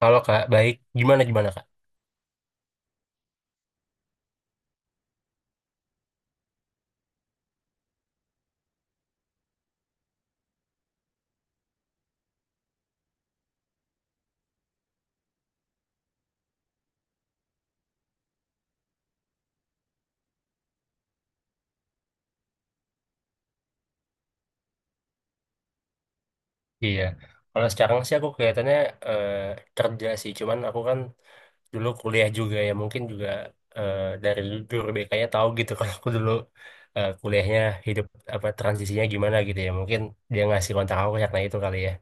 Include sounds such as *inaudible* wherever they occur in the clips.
Halo Kak, baik. Gimana gimana Kak? Iya. Kalau sekarang sih aku kelihatannya eh, kerja sih, cuman aku kan dulu kuliah juga ya, mungkin juga dari guru BK-nya tahu gitu *laughs* kalau aku dulu kuliahnya hidup apa transisinya gimana gitu ya. Mungkin dia ngasih kontak aku karena itu kali ya.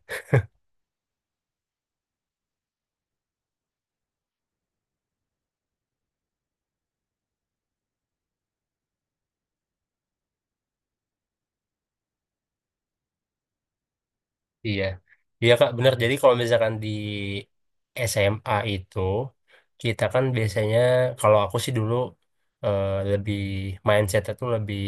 Iya, iya Kak, benar. Jadi kalau misalkan di SMA itu kita kan biasanya kalau aku sih dulu lebih mindsetnya tuh lebih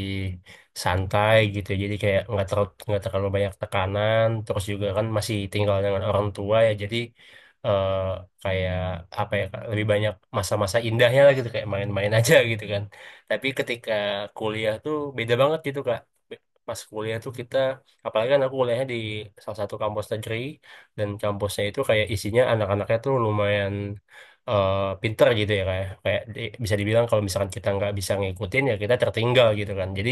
santai gitu. Jadi kayak nggak terlalu banyak tekanan. Terus juga kan masih tinggal dengan orang tua ya. Jadi eh, kayak apa ya Kak, lebih banyak masa-masa indahnya lah gitu kayak main-main *laughs* aja gitu kan. Tapi ketika kuliah tuh beda banget gitu Kak. Pas kuliah tuh kita apalagi kan aku kuliahnya di salah satu kampus negeri dan kampusnya itu kayak isinya anak-anaknya tuh lumayan eh, pinter gitu ya kayak kayak di- bisa dibilang kalau misalkan kita nggak bisa ngikutin ya kita tertinggal gitu kan. Jadi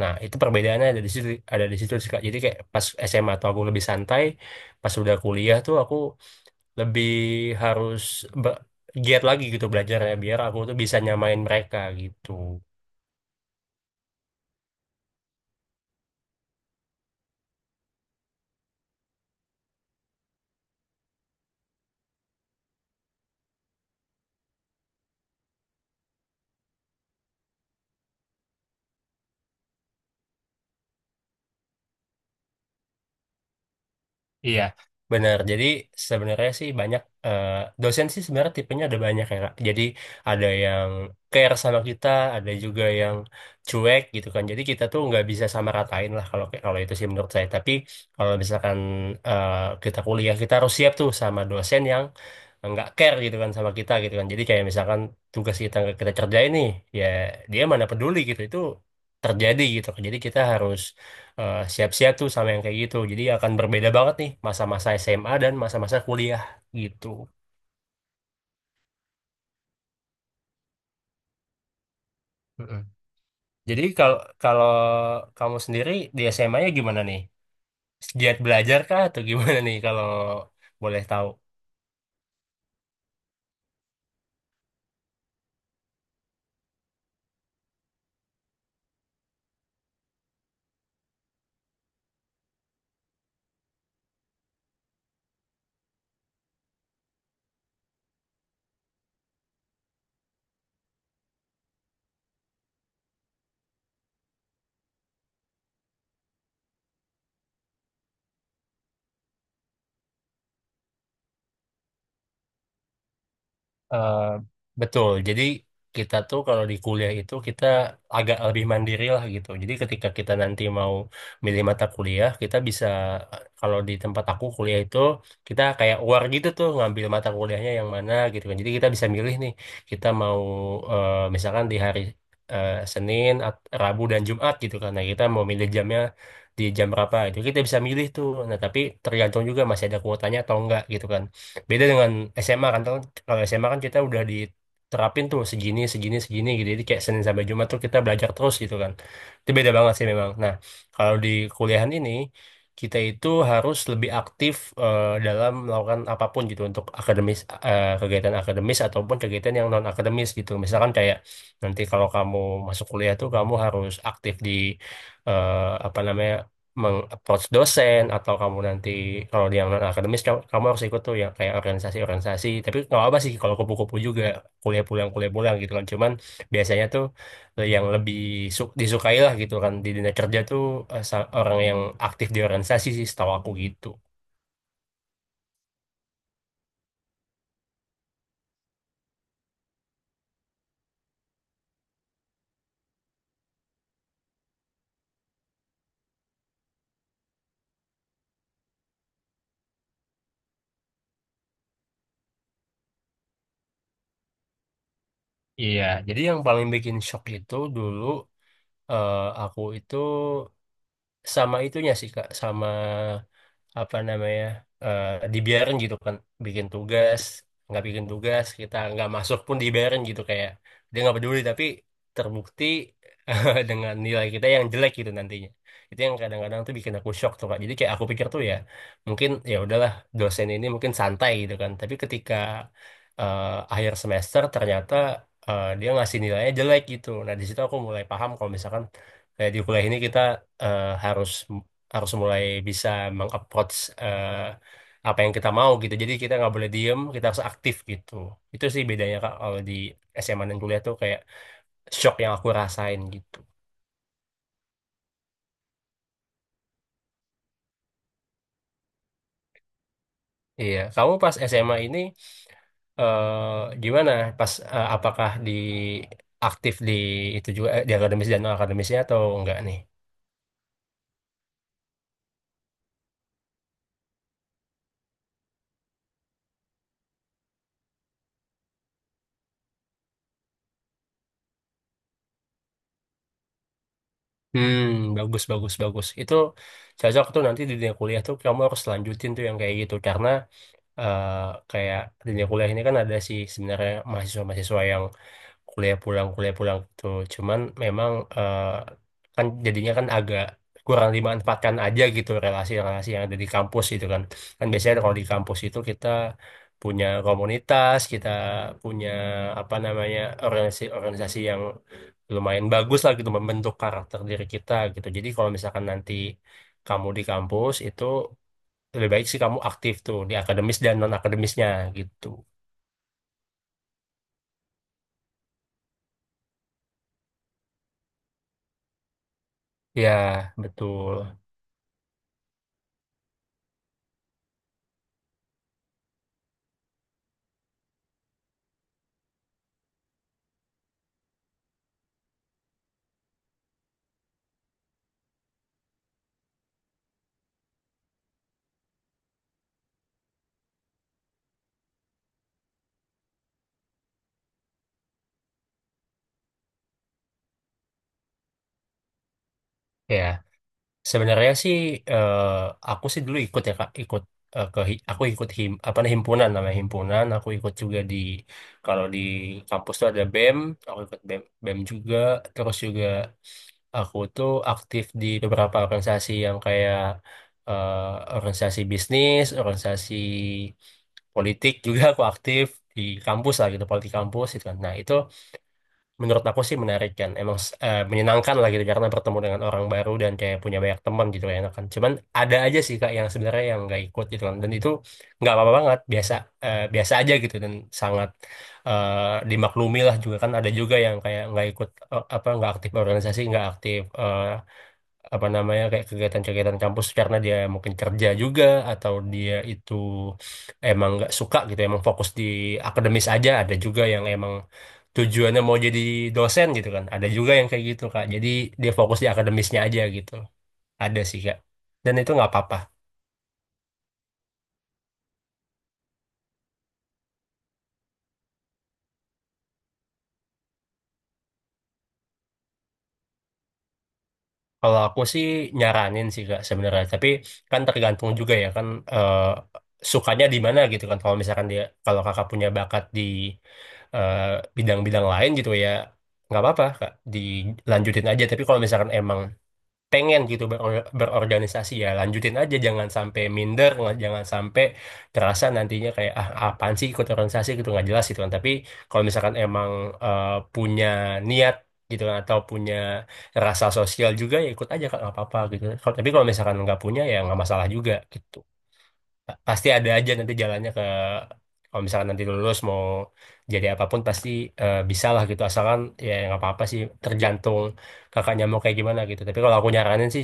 nah itu perbedaannya ada di situ sih, Kak. Jadi kayak pas SMA tuh aku lebih santai, pas udah kuliah tuh aku lebih harus ber- giat lagi gitu belajarnya biar aku tuh bisa nyamain mereka gitu. Iya, benar. Jadi sebenarnya sih banyak eh, dosen sih sebenarnya tipenya ada banyak ya, Kak. Jadi ada yang care sama kita, ada juga yang cuek gitu kan. Jadi kita tuh nggak bisa sama ratain lah kalau kalau itu sih menurut saya. Tapi kalau misalkan eh, kita kuliah, kita harus siap tuh sama dosen yang nggak care gitu kan sama kita gitu kan. Jadi kayak misalkan tugas kita nggak kita kerjain nih, ya dia mana peduli gitu. Itu terjadi gitu kan. Jadi kita harus siap-siap tuh sama yang kayak gitu. Jadi akan berbeda banget nih masa-masa SMA dan masa-masa kuliah gitu. Mm-mm. Jadi kalau kalau kamu sendiri di SMA-nya gimana nih? Giat belajar kah atau gimana nih kalau boleh tahu? Eh, betul. Jadi kita tuh kalau di kuliah itu kita agak lebih mandiri lah gitu. Jadi ketika kita nanti mau milih mata kuliah, kita bisa kalau di tempat aku kuliah itu kita kayak war gitu tuh ngambil mata kuliahnya yang mana gitu kan. Jadi kita bisa milih nih kita mau misalkan di hari Senin, Rabu dan Jumat gitu kan. Nah, kita mau milih jamnya di jam berapa itu kita bisa milih tuh. Nah, tapi tergantung juga masih ada kuotanya atau enggak gitu kan beda dengan SMA kan kalau SMA kan kita udah diterapin tuh segini segini segini gitu jadi kayak Senin sampai Jumat tuh kita belajar terus gitu kan itu beda banget sih memang. Nah kalau di kuliahan ini kita itu harus lebih aktif dalam melakukan apapun gitu untuk akademis kegiatan akademis ataupun kegiatan yang non akademis gitu misalkan kayak nanti kalau kamu masuk kuliah tuh kamu harus aktif di eh, apa namanya meng-approach dosen atau kamu nanti kalau di yang non akademis kamu, kamu harus ikut tuh yang kayak organisasi-organisasi tapi nggak apa sih kalau kupu-kupu juga kuliah pulang gitu kan cuman biasanya tuh yang lebih disukai lah gitu kan di dunia kerja tuh orang yang aktif di organisasi sih setahu aku gitu. Iya, jadi yang paling bikin shock itu dulu aku itu sama itunya sih Kak sama apa namanya dibiarin gitu kan bikin tugas nggak bikin tugas kita nggak masuk pun dibiarin gitu kayak dia nggak peduli tapi terbukti *laughs* dengan nilai kita yang jelek gitu nantinya. Itu yang kadang-kadang tuh bikin aku shock tuh Kak jadi kayak aku pikir tuh ya mungkin ya udahlah dosen ini mungkin santai gitu kan tapi ketika eh, akhir semester ternyata dia ngasih nilainya jelek gitu nah di situ aku mulai paham kalau misalkan kayak di kuliah ini kita harus harus mulai bisa mengapproach eh, apa yang kita mau gitu. Jadi kita nggak boleh diem, kita harus aktif gitu. Itu sih bedanya Kak kalau di SMA dan kuliah tuh kayak shock yang aku rasain gitu. Iya, kamu pas SMA ini gimana? Pas apakah di aktif di itu juga di akademis dan non akademisnya atau enggak nih? Hmm, bagus bagus bagus. Itu cocok tuh nanti di dunia kuliah tuh kamu harus lanjutin tuh yang kayak gitu karena eh, kayak dunia kuliah ini kan ada sih sebenarnya mahasiswa-mahasiswa yang kuliah pulang gitu. Cuman memang eh, kan jadinya kan agak kurang dimanfaatkan aja gitu relasi-relasi yang ada di kampus gitu kan. Kan biasanya kalau di kampus itu kita punya komunitas, kita punya apa namanya organisasi-organisasi yang lumayan bagus lah gitu membentuk karakter diri kita gitu. Jadi kalau misalkan nanti kamu di kampus itu lebih baik sih kamu aktif tuh di akademis dan non akademisnya gitu ya betul. Ya sebenarnya sih eh, aku sih dulu ikut ya Kak ikut aku ikut him apa nih himpunan namanya, himpunan aku ikut juga di kalau di kampus tuh ada BEM aku ikut BEM BEM juga terus juga aku tuh aktif di beberapa organisasi yang kayak eh, organisasi bisnis, organisasi politik juga aku aktif di kampus lah gitu politik kampus itu kan. Nah itu menurut aku sih menarik kan emang menyenangkan lah gitu karena bertemu dengan orang baru dan kayak punya banyak teman gitu enak kan cuman ada aja sih Kak yang sebenarnya yang nggak ikut gitu kan dan itu nggak apa-apa banget biasa biasa aja gitu dan sangat eh, dimaklumi lah juga kan ada juga yang kayak nggak ikut eh, apa nggak aktif organisasi, nggak aktif apa namanya kayak kegiatan-kegiatan kampus karena dia mungkin kerja juga atau dia itu emang nggak suka gitu emang fokus di akademis aja ada juga yang emang tujuannya mau jadi dosen gitu kan ada juga yang kayak gitu Kak jadi dia fokus di akademisnya aja gitu ada sih Kak dan itu nggak apa-apa. Kalau aku sih nyaranin sih Kak sebenarnya, tapi kan tergantung juga ya kan eh, sukanya di mana gitu kan. Kalau misalkan dia kalau kakak punya bakat di eh, bidang-bidang lain gitu ya nggak apa-apa Kak, dilanjutin aja. Tapi kalau misalkan emang pengen gitu berorganisasi ya lanjutin aja jangan sampai minder jangan sampai terasa nantinya kayak ah apaan sih ikut organisasi gitu nggak jelas gitu kan tapi kalau misalkan emang eh, punya niat gitu kan atau punya rasa sosial juga ya ikut aja kan nggak apa-apa gitu. Tapi kalau misalkan nggak punya ya nggak masalah juga gitu. Pasti ada aja nanti jalannya ke kalau misalkan nanti lulus mau jadi apapun pasti bisa lah gitu asalkan ya nggak apa-apa sih tergantung kakaknya mau kayak gimana gitu tapi kalau aku nyaranin sih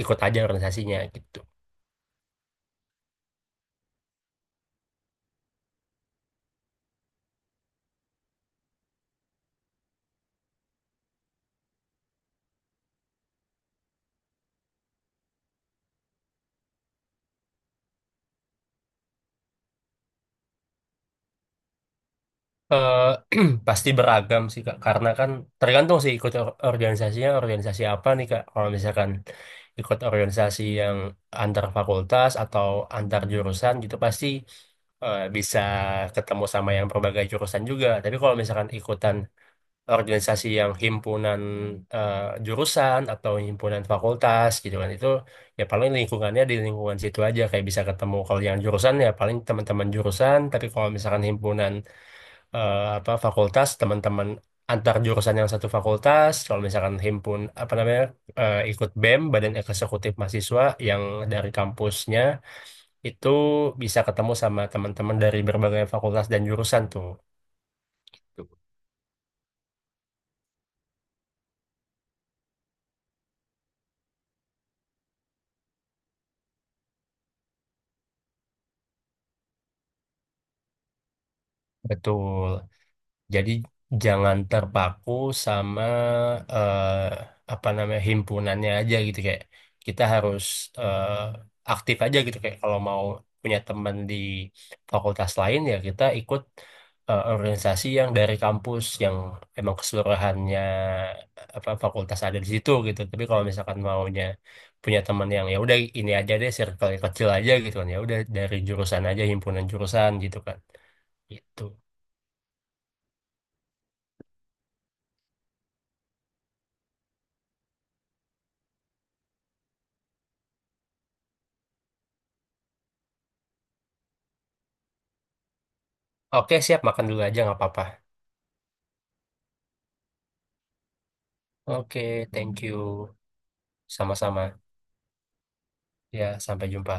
ikut aja organisasinya gitu. Eh, *clears throat* pasti beragam sih Kak karena kan tergantung sih ikut organisasinya organisasi apa nih Kak kalau misalkan ikut organisasi yang antar fakultas atau antar jurusan gitu pasti bisa ketemu sama yang berbagai jurusan juga tapi kalau misalkan ikutan organisasi yang himpunan eh, jurusan atau himpunan fakultas gitu kan itu ya paling lingkungannya di lingkungan situ aja kayak bisa ketemu kalau yang jurusan ya paling teman-teman jurusan tapi kalau misalkan himpunan eh, apa fakultas teman-teman antar jurusan yang satu fakultas kalau misalkan himpun apa namanya ikut BEM Badan Eksekutif Mahasiswa yang dari kampusnya itu bisa ketemu sama teman-teman dari berbagai fakultas dan jurusan tuh betul. Jadi jangan terpaku sama eh, apa namanya himpunannya aja gitu kayak kita harus eh, aktif aja gitu kayak kalau mau punya teman di fakultas lain ya kita ikut organisasi yang dari kampus yang emang keseluruhannya apa fakultas ada di situ gitu. Tapi kalau misalkan maunya punya teman yang ya udah ini aja deh circle yang kecil aja gitu kan ya udah dari jurusan aja himpunan jurusan gitu kan. Gitu. Oke, siap. Makan dulu aja, nggak apa-apa. Oke, thank you. Sama-sama. Ya, sampai jumpa.